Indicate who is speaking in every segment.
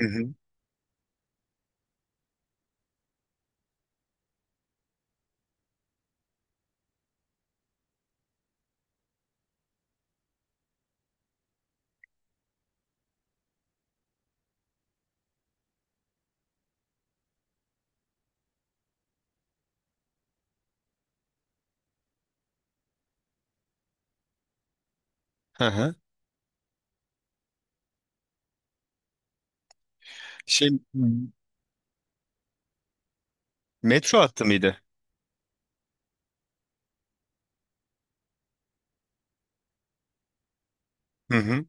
Speaker 1: Hı hı. Hı hı. Şey metro hattı mıydı? Hı hı.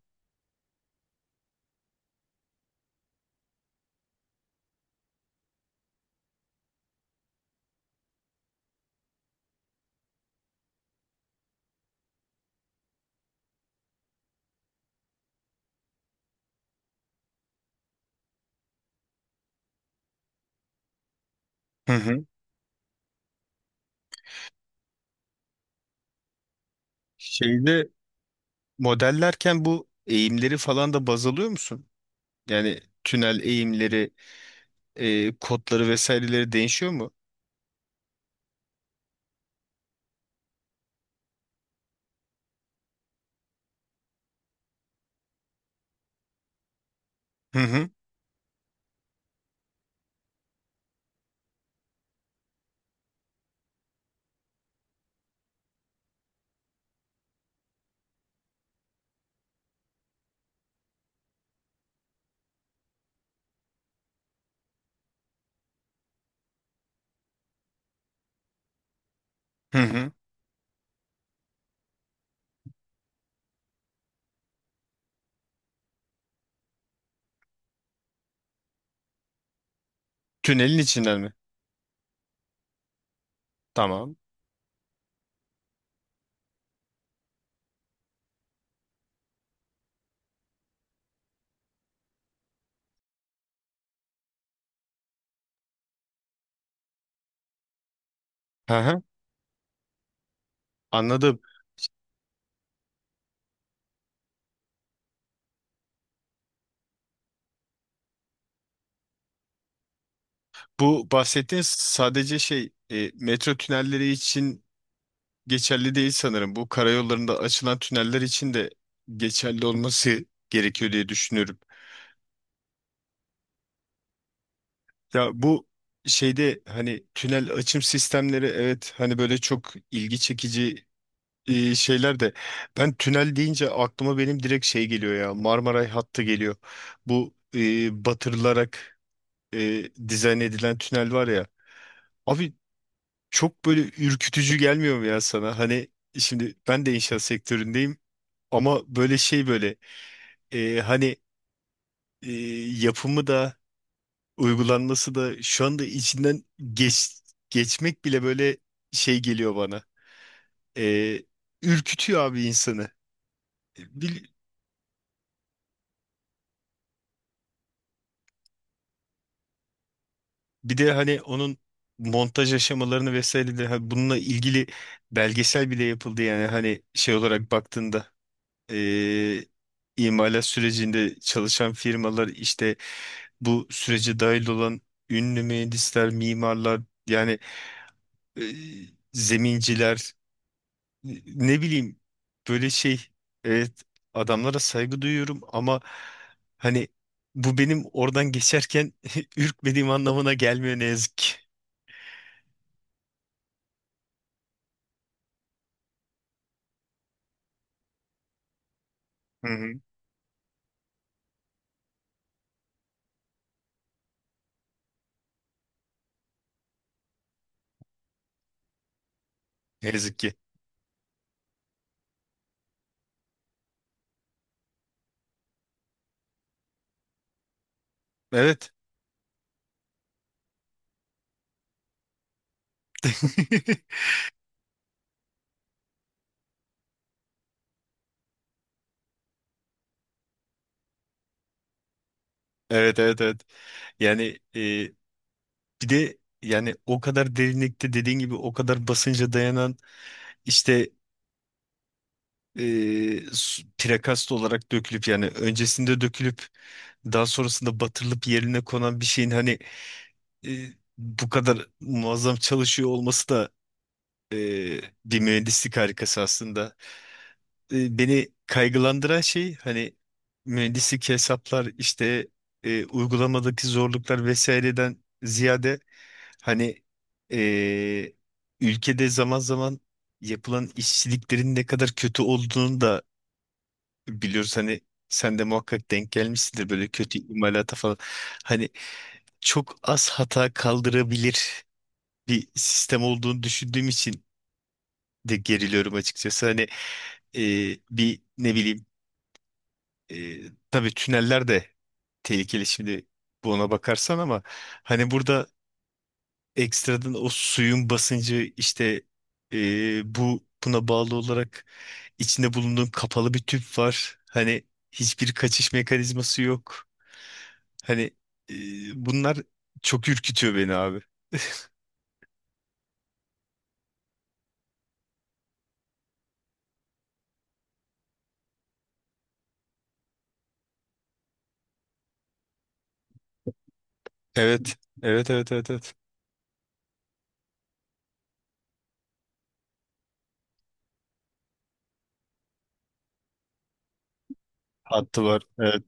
Speaker 1: Hı hı. Şeyde modellerken bu eğimleri falan da baz alıyor musun? Yani tünel eğimleri, kodları vesaireleri değişiyor mu? Hı hı. Hı hı. Tünelin içinden mi? Tamam. Hı hı. Anladım. Bu bahsettiğin sadece şey metro tünelleri için geçerli değil sanırım. Bu karayollarında açılan tüneller için de geçerli olması gerekiyor diye düşünüyorum. Ya bu şeyde hani tünel açım sistemleri, evet, hani böyle çok ilgi çekici şeyler de ben tünel deyince aklıma benim direkt şey geliyor ya, Marmaray hattı geliyor. Bu batırılarak dizayn edilen tünel var ya. Abi çok böyle ürkütücü gelmiyor mu ya sana? Hani şimdi ben de inşaat sektöründeyim ama böyle şey, böyle hani e, yapımı da uygulanması da şu anda içinden geç, geçmek bile böyle şey geliyor bana. Ee, Ürkütüyor abi insanı. Bir, Bir de hani onun montaj aşamalarını vesaire de hani bununla ilgili belgesel bile yapıldı. Yani hani şey olarak baktığında, ee, imalat sürecinde çalışan firmalar, işte bu sürece dahil olan ünlü mühendisler, mimarlar, yani ee, zeminciler, ne bileyim, böyle şey, evet, adamlara saygı duyuyorum ama hani bu benim oradan geçerken ürkmediğim anlamına gelmiyor ne yazık ki. Hı hı. Ne yazık ki. Evet. Evet, evet, evet. Yani e, bir de yani o kadar derinlikte, dediğin gibi o kadar basınca dayanan işte e, prekast olarak dökülüp, yani öncesinde dökülüp daha sonrasında batırılıp yerine konan bir şeyin hani e, bu kadar muazzam çalışıyor olması da e, bir mühendislik harikası aslında. Beni kaygılandıran şey hani mühendislik hesaplar, işte uygulamadaki zorluklar vesaireden ziyade, hani e, ülkede zaman zaman yapılan işçiliklerin ne kadar kötü olduğunu da biliyoruz. Hani sen de muhakkak denk gelmişsindir böyle kötü imalata falan. Hani çok az hata kaldırabilir bir sistem olduğunu düşündüğüm için de geriliyorum açıkçası. Hani bir, ne bileyim, e, tabii tüneller de tehlikeli şimdi buna bakarsan, ama hani burada ekstradan o suyun basıncı, işte e, bu buna bağlı olarak içinde bulunduğun kapalı bir tüp var. Hani hiçbir kaçış mekanizması yok. Hani e, bunlar çok ürkütüyor beni abi. Evet. Evet, evet, evet, evet. Hattı var. Evet.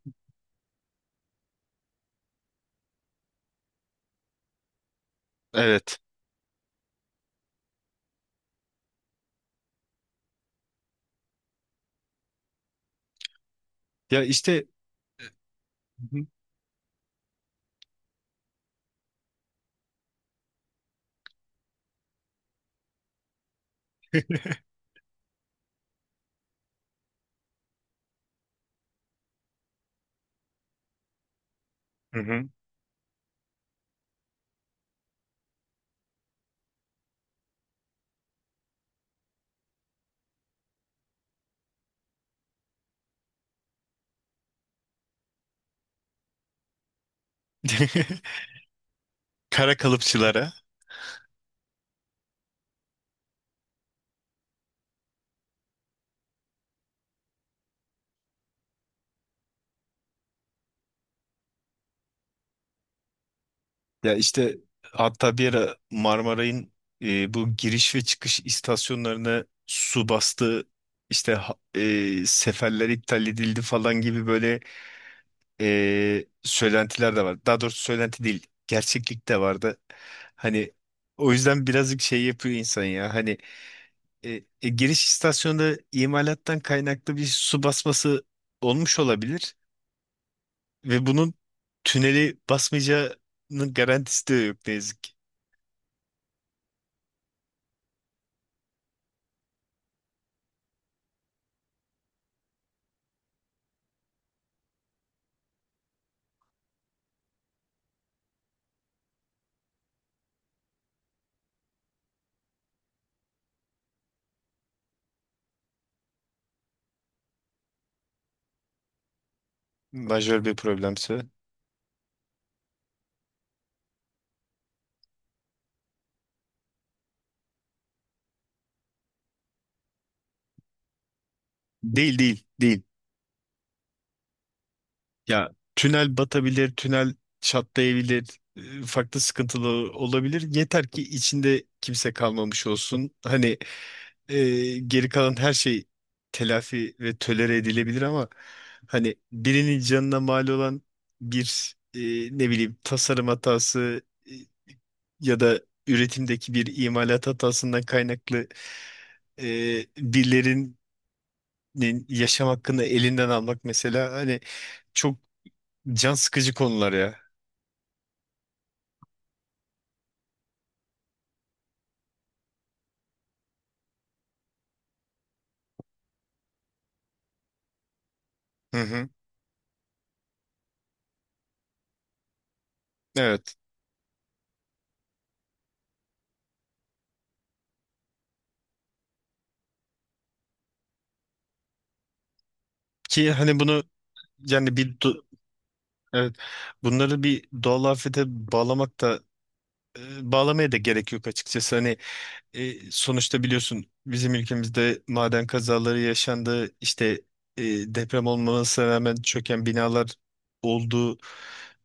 Speaker 1: Evet. Ya işte. Hı hı. Kara kalıpçılara. Ya işte, hatta bir ara Marmaray'ın bu giriş ve çıkış istasyonlarına su bastı. İşte seferler iptal edildi falan gibi böyle söylentiler de var. Daha doğrusu söylenti değil, gerçeklik de vardı. Hani o yüzden birazcık şey yapıyor insan ya. Hani giriş istasyonda imalattan kaynaklı bir su basması olmuş olabilir ve bunun tüneli basmayacağının garantisi de yok ne yazık ki. Majör bir problemse. Değil, değil, değil. Ya tünel batabilir, tünel çatlayabilir, farklı sıkıntılı olabilir. Yeter ki içinde kimse kalmamış olsun. Hani geri kalan her şey telafi ve tölere edilebilir ama hani birinin canına mal olan bir, ne bileyim, tasarım hatası, ya da üretimdeki bir imalat hatasından kaynaklı birilerin yaşam hakkını elinden almak mesela, hani çok can sıkıcı konular ya. Hı hı. Evet. Ki hani bunu, yani bir do- evet, bunları bir doğal afete bağlamak da bağlamaya da gerek yok açıkçası. Hani sonuçta biliyorsun, bizim ülkemizde maden kazaları yaşandı. İşte e, deprem olmamasına rağmen çöken binalar oldu.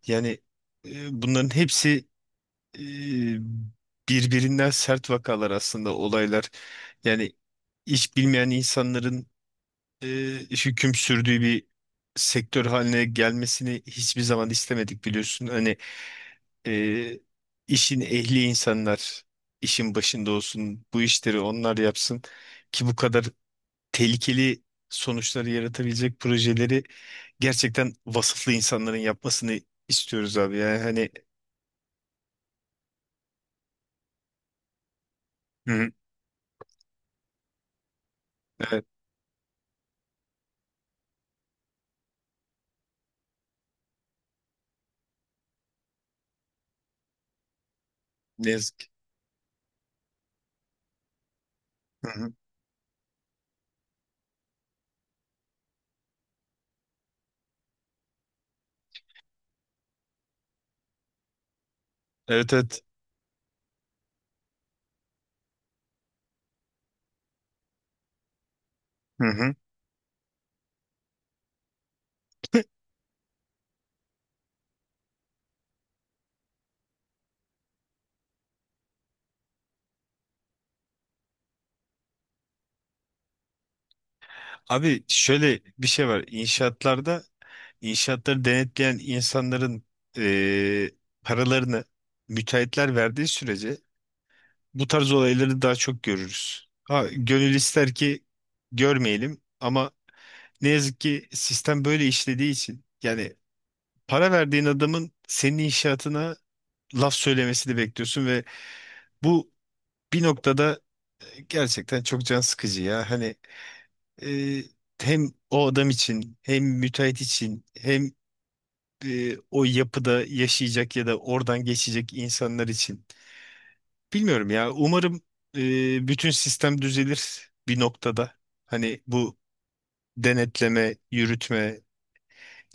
Speaker 1: Yani e, bunların hepsi e, birbirinden sert vakalar aslında, olaylar. Yani hiç bilmeyen insanların e, hüküm sürdüğü bir sektör haline gelmesini hiçbir zaman istemedik, biliyorsun. Hani e, işin ehli insanlar işin başında olsun, bu işleri onlar yapsın ki bu kadar tehlikeli sonuçları yaratabilecek projeleri gerçekten vasıflı insanların yapmasını istiyoruz abi. Yani hani, hı hı, evet, ne yazık ki. Evet, evet. Hı hı. Abi şöyle bir şey var. İnşaatlarda inşaatları denetleyen insanların eee, paralarını müteahhitler verdiği sürece bu tarz olayları daha çok görürüz. Ha, gönül ister ki görmeyelim ama ne yazık ki sistem böyle işlediği için, yani para verdiğin adamın senin inşaatına laf söylemesini bekliyorsun ve bu bir noktada gerçekten çok can sıkıcı ya. Hani e, hem o adam için, hem müteahhit için, hem o yapıda yaşayacak ya da oradan geçecek insanlar için. Bilmiyorum ya. Umarım bütün sistem düzelir bir noktada. Hani bu denetleme, yürütme,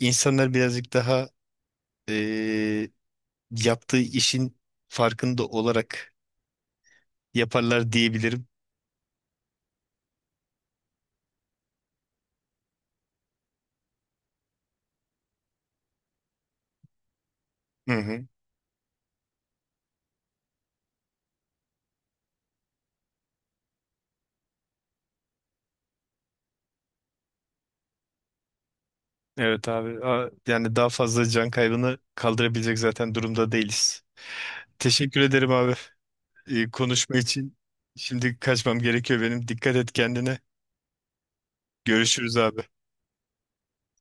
Speaker 1: insanlar birazcık daha e, yaptığı işin farkında olarak yaparlar diyebilirim. Hı hı. Evet abi. A- yani daha fazla can kaybını kaldırabilecek zaten durumda değiliz. Teşekkür ederim abi. Konuşma için şimdi kaçmam gerekiyor benim. Dikkat et kendine. Görüşürüz abi.